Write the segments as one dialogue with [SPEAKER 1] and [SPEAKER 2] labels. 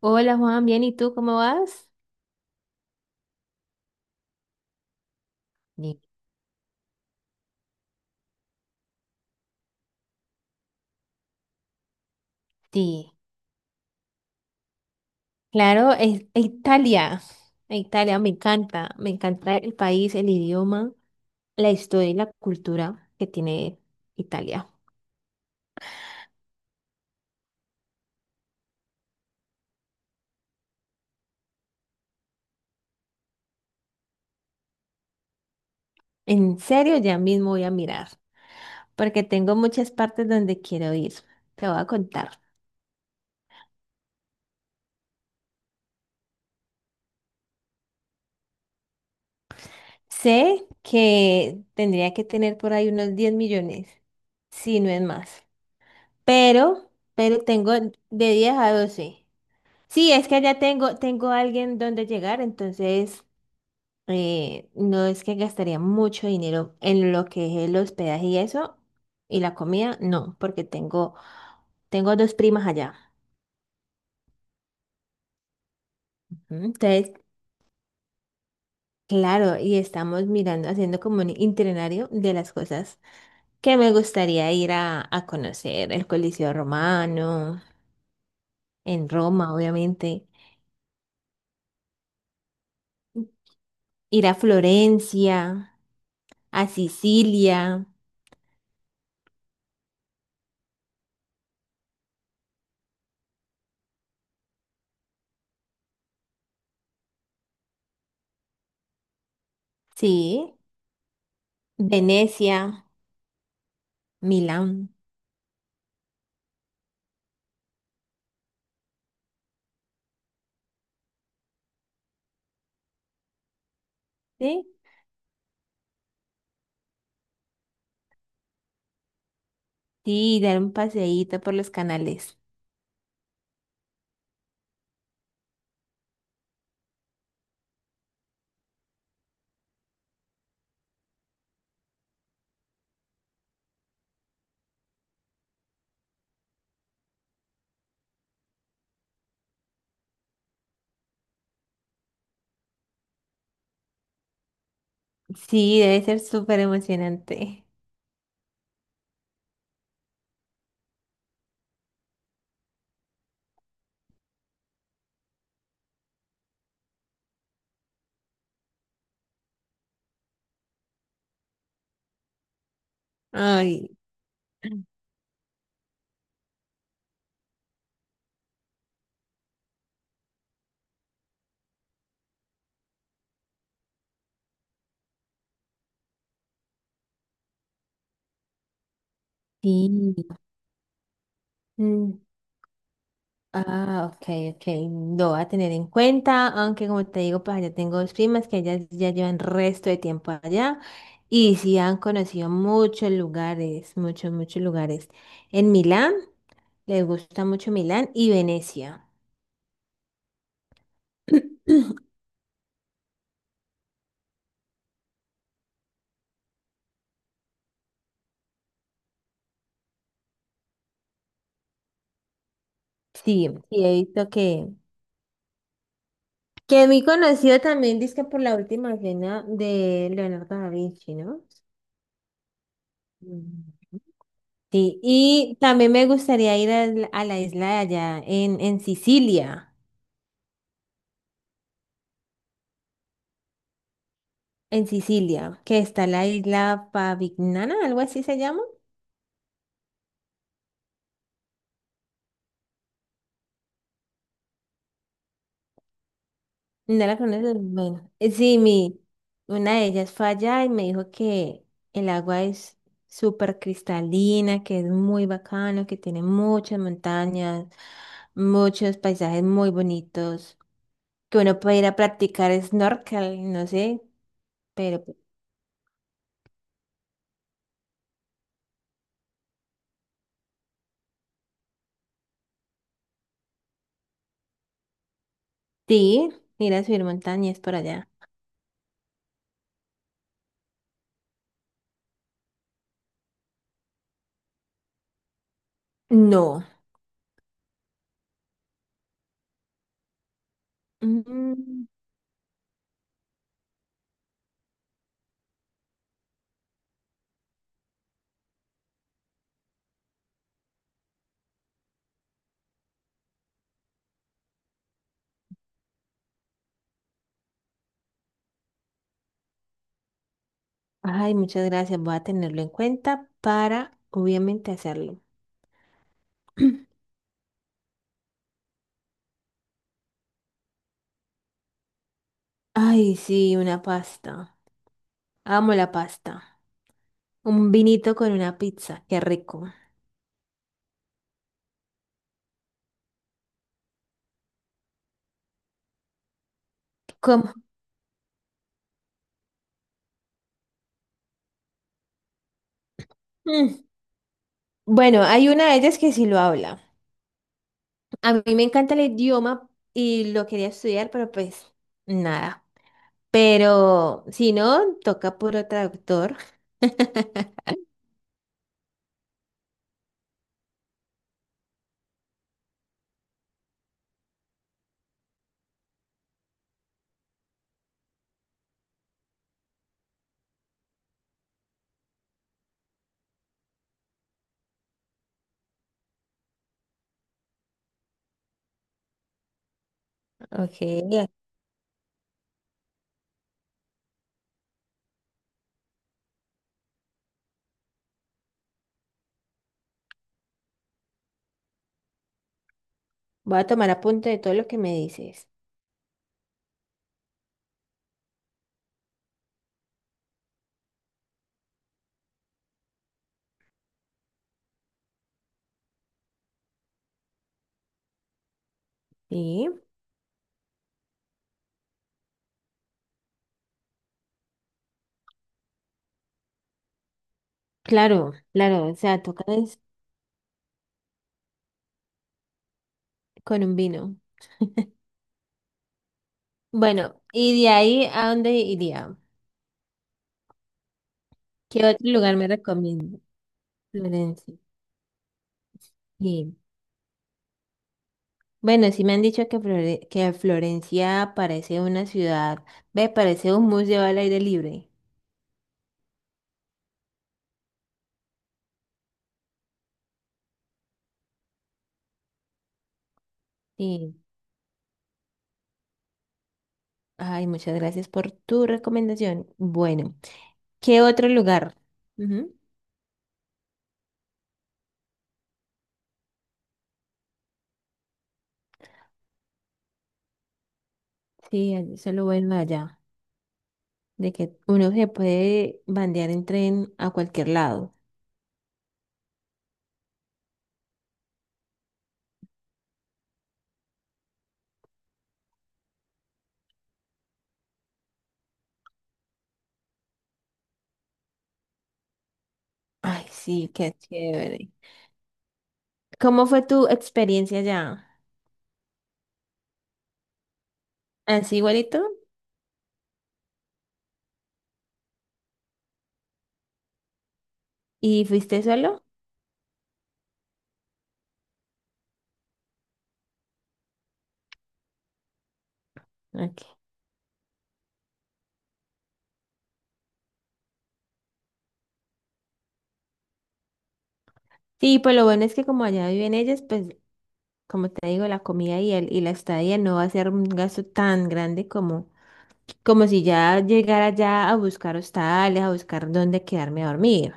[SPEAKER 1] Hola Juan, bien, ¿y tú cómo vas? Ni- Sí. Claro, es Italia. E Italia me encanta el país, el idioma, la historia y la cultura que tiene Italia. ¿En serio? Ya mismo voy a mirar, porque tengo muchas partes donde quiero ir. Te voy a contar. Sé que tendría que tener por ahí unos 10 millones, si no es más, pero tengo de 10 a 12. Sí, es que allá tengo alguien donde llegar, entonces no es que gastaría mucho dinero en lo que es el hospedaje y eso, y la comida, no, porque tengo, tengo dos primas allá. Ujú. Entonces, claro, y estamos mirando, haciendo como un itinerario de las cosas que me gustaría ir a conocer, el Coliseo Romano, en Roma, obviamente, ir a Florencia, a Sicilia, sí, Venecia. Milán. ¿Sí? Sí, dar un paseíto por los canales. Sí, debe ser súper emocionante. Ay, sí. Mm. Ah, ok, ok. Lo voy a tener en cuenta, aunque como te digo, pues allá tengo dos primas que ellas ya llevan resto de tiempo allá y sí han conocido muchos lugares, muchos, muchos lugares. En Milán, les gusta mucho Milán y Venecia. Sí, sí, he visto que... Que es muy conocido también, dice por la última cena de Leonardo da Vinci, ¿no? Mm. Sí, y también me gustaría ir a la isla de allá, en Sicilia, que está la isla Pavignana, algo así se llama. No la conoces, bueno. Sí, una de ellas fue allá y me dijo que el agua es súper cristalina, que es muy bacano, que tiene muchas montañas, muchos paisajes muy bonitos, que uno puede ir a practicar snorkel, no sé, pero pues, sí, ir a subir montañas por allá. No. Mm. Ay, muchas gracias, voy a tenerlo en cuenta para obviamente hacerlo. Ay, sí, una pasta. Amo la pasta. Un vinito con una pizza, qué rico. ¿Cómo? Mm. Bueno, hay una de ellas que sí lo habla. A mí me encanta el idioma y lo quería estudiar, pero pues nada. Pero si no, toca puro traductor. Ok, voy a tomar apunte de todo lo que me dices. Sí, claro, claro, o sea, toca es con un vino. Bueno, ¿y de ahí a dónde iría? ¿Qué otro lugar me recomienda? Florencia. Sí. Bueno, sí me han dicho que, que Florencia parece una ciudad, ve, parece un museo al aire libre. Sí. Ay, muchas gracias por tu recomendación. Bueno, ¿qué otro lugar? Ujú. Sí, eso es lo bueno de allá, de que uno se puede bandear en tren a cualquier lado. Ay, sí, qué chévere. ¿Cómo fue tu experiencia allá? ¿Así igualito? ¿Y fuiste solo? Ok. Sí, pues lo bueno es que como allá viven ellas, pues como te digo, la comida y, el, y la estadía no va a ser un gasto tan grande como, como si ya llegara ya a buscar hostales, a buscar dónde quedarme a dormir.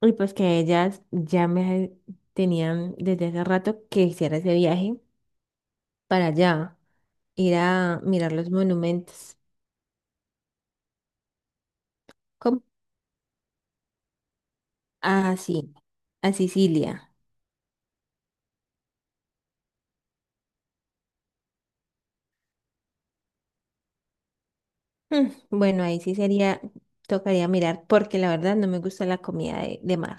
[SPEAKER 1] Y pues que ellas ya me tenían desde hace rato que hiciera ese viaje para allá, ir a mirar los monumentos. ¿Cómo? Ah, sí, a Sicilia. Mm. Bueno, ahí sí sería, tocaría mirar, porque la verdad no me gusta la comida de mar.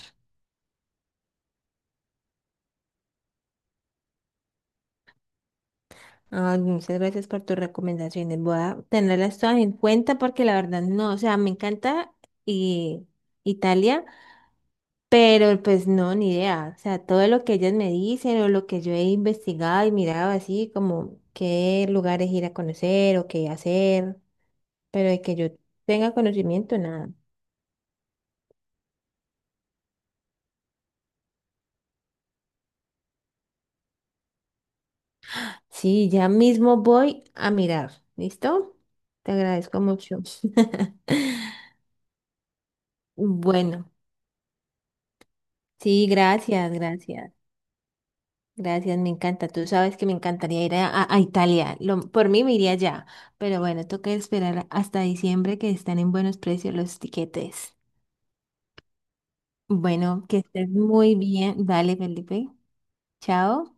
[SPEAKER 1] Ay, muchas gracias por tus recomendaciones. Voy a tenerlas todas en cuenta porque la verdad no, o sea, me encanta y Italia, pero pues no, ni idea. O sea, todo lo que ellas me dicen o lo que yo he investigado y mirado así, como qué lugares ir a conocer o qué hacer, pero de que yo tenga conocimiento, nada. Sí, ya mismo voy a mirar. ¿Listo? Te agradezco mucho. Bueno, sí, gracias, gracias. Gracias, me encanta. Tú sabes que me encantaría ir a Italia. Por mí me iría ya. Pero bueno, toca esperar hasta diciembre que están en buenos precios los tiquetes. Bueno, que estés muy bien. Dale, Felipe. Chao.